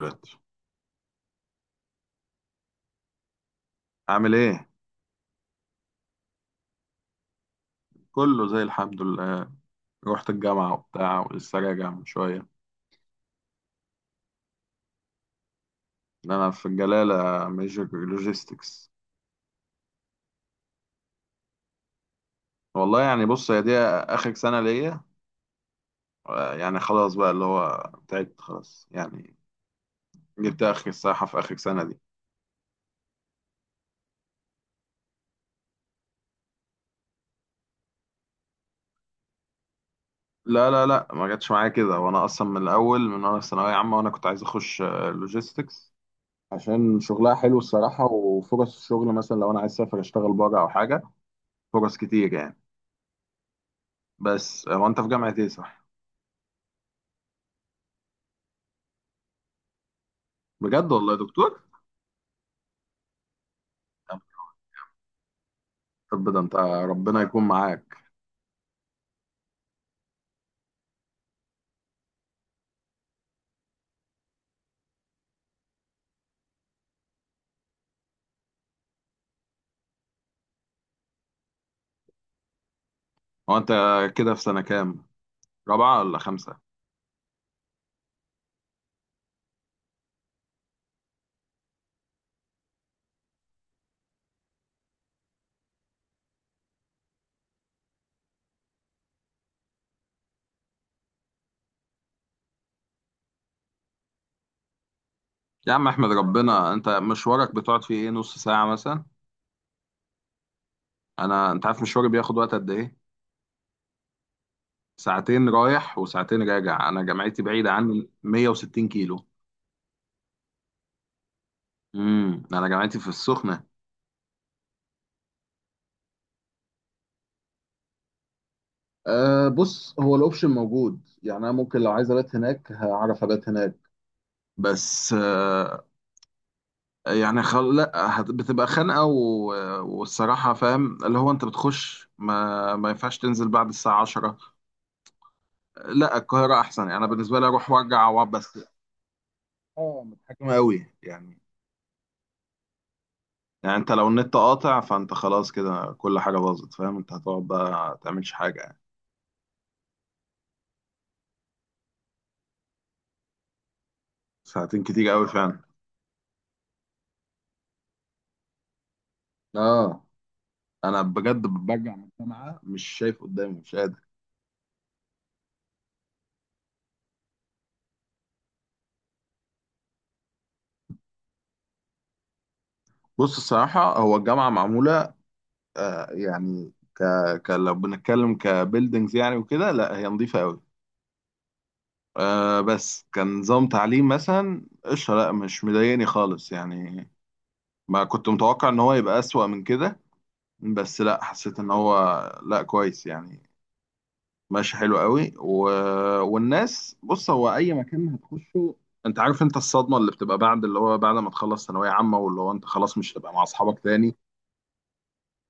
دلوقتي عامل ايه؟ كله زي الحمد لله. رحت الجامعة وبتاع ولسه راجع من شوية. انا في الجلالة، ميجر لوجيستكس. والله يعني بص، هي دي اخر سنة ليا. يعني خلاص بقى، اللي هو تعبت خلاص يعني. جبت اخر الصراحة في اخر سنة دي. لا ما جاتش معايا كده، وانا اصلا من الاول، من وانا في ثانوية عامة وانا كنت عايز اخش لوجيستكس عشان شغلها حلو الصراحة، وفرص الشغل مثلا لو انا عايز اسافر اشتغل بره او حاجة. فرص كتير يعني. بس هو انت في جامعة ايه صح؟ بجد والله يا دكتور. طب ده انت، ربنا يكون معاك. هو انت كده في سنة كام، رابعة ولا خمسة؟ يا عم احمد، ربنا، انت مشوارك بتقعد فيه ايه، نص ساعة مثلا؟ انا انت عارف مشواري بياخد وقت قد ايه؟ ساعتين رايح وساعتين راجع. انا جامعتي بعيدة عني 160 كيلو. امم، انا جامعتي في السخنة. أه بص، هو الاوبشن موجود يعني، انا ممكن لو عايز ابات هناك هعرف ابات هناك. بس يعني خل... لا هت... بتبقى خانقه والصراحه فاهم اللي هو انت بتخش، ما ينفعش تنزل بعد الساعه 10. لا القاهره احسن يعني، انا بالنسبه لي اروح وارجع واقعد بس. اه متحكمه قوي يعني. يعني انت لو النت قاطع، فانت خلاص كده كل حاجه باظت، فاهم؟ انت هتقعد بقى ما تعملش حاجه يعني. ساعتين كتير قوي فعلا. اه انا بجد برجع من الجامعه مش شايف قدامي، مش قادر. بص الصراحه هو الجامعه معموله، آه يعني ك... لو بنتكلم كبيلدينجز يعني وكده، لا هي نظيفة قوي. بس كنظام تعليم مثلا قشطة، لا مش مضايقني خالص يعني. ما كنت متوقع ان هو يبقى أسوأ من كده، بس لا حسيت ان هو لا كويس يعني، ماشي حلو قوي والناس بص، هو اي مكان هتخشه، انت عارف انت الصدمة اللي بتبقى بعد اللي هو بعد ما تخلص ثانوية عامة، واللي هو انت خلاص مش هتبقى مع اصحابك تاني.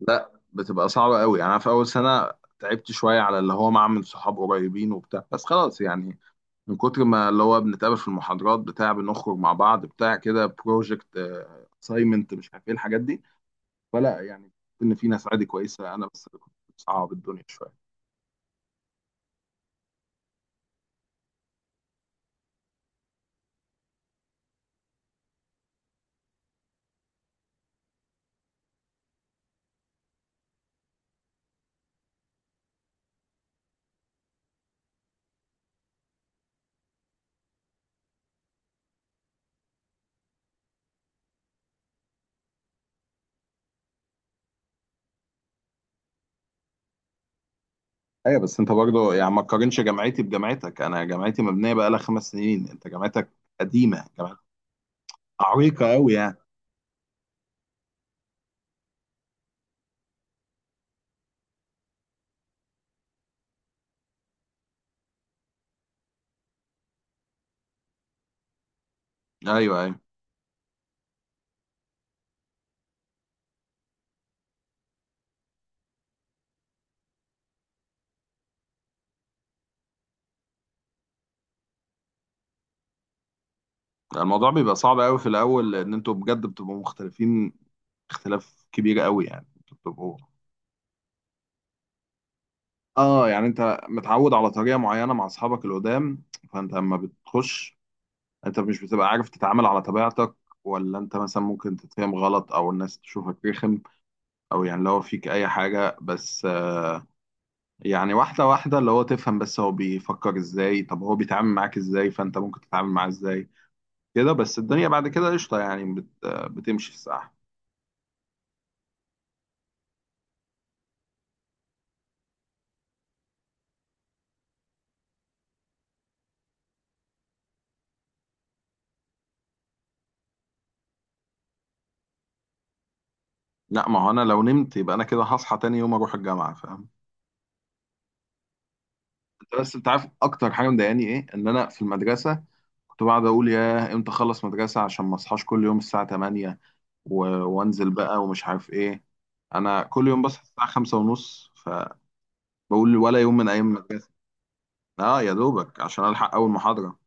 لا بتبقى صعبة قوي يعني. أنا في أول سنة تعبت شوية على اللي هو معمل صحاب قريبين وبتاع، بس خلاص يعني من كتر ما اللي هو بنتقابل في المحاضرات بتاع بنخرج مع بعض بتاع كده، بروجكت، أسايمنت، مش عارف إيه الحاجات دي. فلا يعني، إن في ناس عادي كويسة، أنا بس اللي كنت بصعب الدنيا شوية. أيوة بس أنت برضه يعني ما تقارنش جامعتي بجامعتك. أنا جامعتي مبنية بقالها خمس سنين، أنت جامعتك قديمة، جامعتك عريقة قوي يعني. أيوة أيوة. الموضوع بيبقى صعب قوي في الأول، لأن أنتوا بجد بتبقوا مختلفين، اختلاف كبير قوي يعني. انتوا بتبقوا، اه يعني انت متعود على طريقه معينه مع اصحابك القدام، فانت لما بتخش انت مش بتبقى عارف تتعامل على طبيعتك، ولا انت مثلا ممكن تتفهم غلط او الناس تشوفك رخم او يعني لو فيك اي حاجه. بس يعني واحده واحده اللي هو تفهم بس هو بيفكر ازاي، طب هو بيتعامل معاك ازاي، فانت ممكن تتعامل معاه ازاي. كده بس الدنيا بعد كده قشطه يعني، بت... آه، بتمشي في الساعه. لا ما هو انا لو نمت يبقى انا كده هصحى تاني يوم اروح الجامعه، فاهم؟ بس انت عارف اكتر حاجه مضايقاني ايه؟ ان انا في المدرسه كنت بقعد اقول يا امتى اخلص مدرسه عشان ما اصحاش كل يوم الساعه 8 وانزل بقى ومش عارف ايه. انا كل يوم بصحى الساعه 5 ونص، فبقول ولا يوم من ايام المدرسه. اه يا دوبك عشان الحق اول محاضره.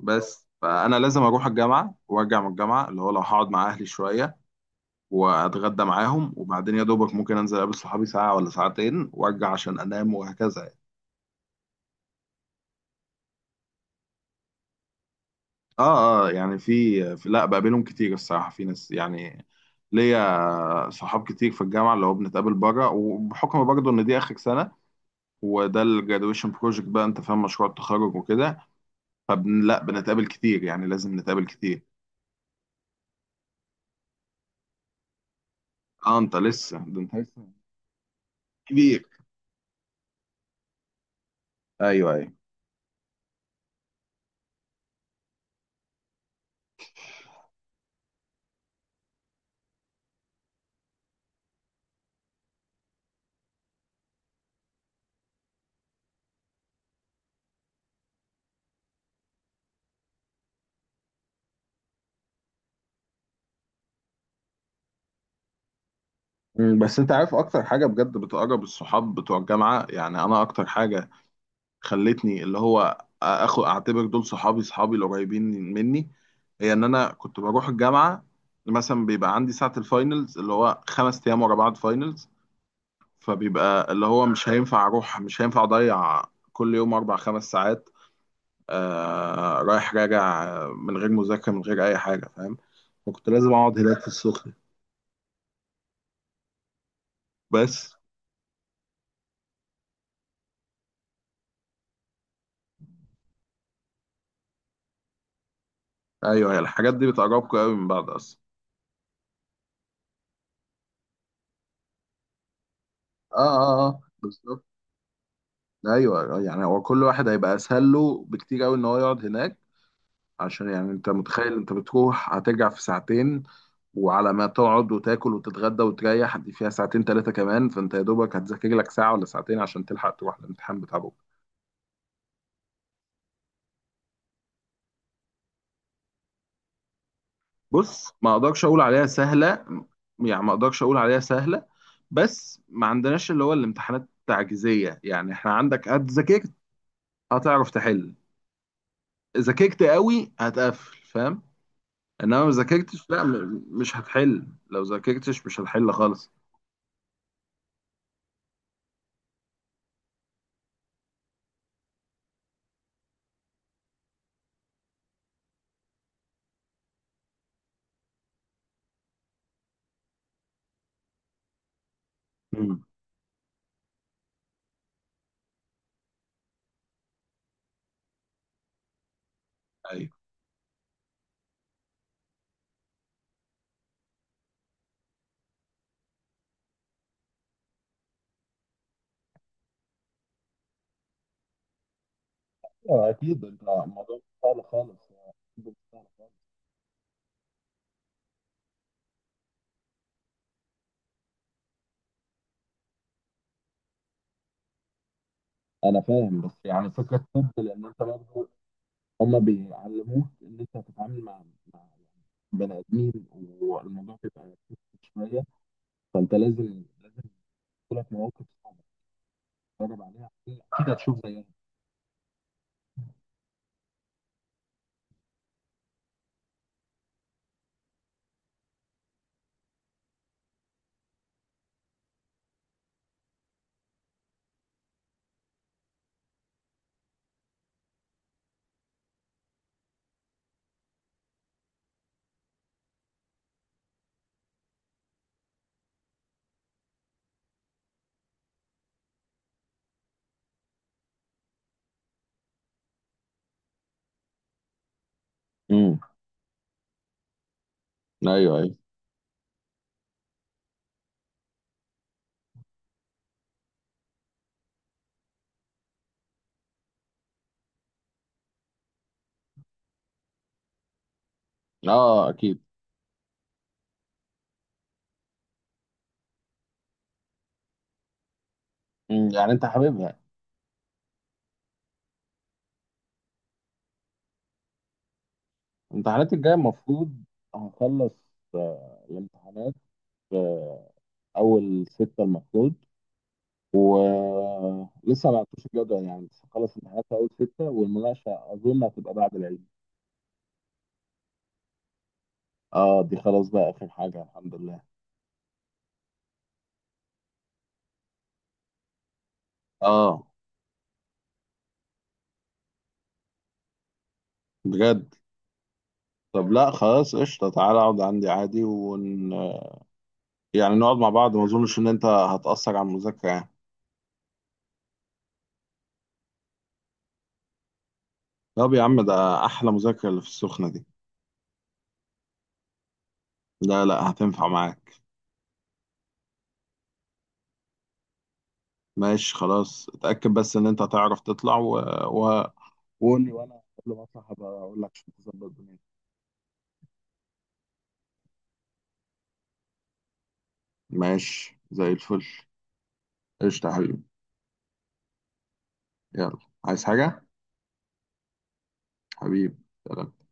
بس فانا لازم اروح الجامعه وارجع من الجامعه، اللي هو لو هقعد مع اهلي شويه واتغدى معاهم وبعدين يا دوبك ممكن انزل اقابل صحابي ساعه ولا ساعتين وارجع عشان انام، وهكذا. اه اه يعني في لا بقابلهم كتير الصراحة، في ناس يعني ليا صحاب كتير في الجامعة اللي هو بنتقابل بره، وبحكم برضه ان دي اخر سنة وده الجرادويشن بروجكت بقى، انت فاهم، مشروع التخرج وكده، فبن لا بنتقابل كتير يعني، لازم نتقابل كتير. اه انت لسه، ده انت لسه كبير. ايوه ايوه. أمم، بس انت عارف اكتر حاجة بجد بتقرب الصحاب بتوع الجامعة؟ يعني انا اكتر حاجة خلتني اللي هو اخو اعتبر دول صحابي، صحابي القريبين مني، هي ان انا كنت بروح الجامعه مثلا، بيبقى عندي ساعه الفاينلز اللي هو خمس ايام ورا بعض فاينلز، فبيبقى اللي هو مش هينفع اروح مش هينفع اضيع كل يوم اربع خمس ساعات رايح راجع من غير مذاكره من غير اي حاجه، فاهم؟ فكنت لازم اقعد هناك في السخنه. بس ايوه، هي الحاجات دي بتقربكم قوي من بعض اصلا. اه اه اه بالظبط. ايوه يعني هو كل واحد هيبقى اسهل له بكتير قوي ان هو يقعد هناك، عشان يعني انت متخيل، انت بتروح هترجع في ساعتين، وعلى ما تقعد وتاكل وتتغدى وتريح دي فيها ساعتين ثلاثه كمان، فانت يا دوبك هتذاكر لك ساعه ولا ساعتين عشان تلحق تروح الامتحان بتاع بكره. بص ما اقدرش اقول عليها سهله، يعني ما اقدرش اقول عليها سهله، بس ما عندناش اللي هو الامتحانات التعجيزيه يعني. احنا عندك هتذاكرت هتعرف تحل، ذاكرت قوي هتقفل، فاهم؟ انما ما ذاكرتش لا مش هتحل، لو ذاكرتش مش هتحل خالص. مم. ايوه. اه اكيد، انت الموضوع مش سهل خالص، الموضوع مش سهل خالص. انا فاهم بس يعني فكره. طب لان انت برضه، هم بيعلموك ان انت هتتعامل مع، يعني بني ادمين، والموضوع بيبقى كتير شويه، فانت لازم تجيلك مواقف صعبه تتفرج عليها، اكيد هتشوف زيها. امم. ايوه ايوه. اه اكيد. مم. يعني انت حاببها؟ الامتحانات الجاية المفروض هخلص، الامتحانات آه، أول ستة المفروض، ولسه ما عرفتوش الجدول يعني. بس هخلص الامتحانات في أول ستة، والمناقشة أظن هتبقى بعد العيد. اه دي خلاص بقى آخر حاجة، الحمد لله. اه بجد؟ طب لا خلاص قشطة، تعالى اقعد عندي عادي يعني نقعد مع بعض، ما اظنش ان انت هتأثر على المذاكرة يعني. طب يا عم ده احلى مذاكرة اللي في السخنة دي، لا لا هتنفع معاك. ماشي خلاص، اتأكد بس ان انت هتعرف تطلع و... وقول لي، وانا قبل ما اطلع هبقى اقول لك عشان تظبط دنيتك. ماشي زي الفل. قشطة يا حبيبي. يلا. عايز حاجة حبيبي؟ سلام.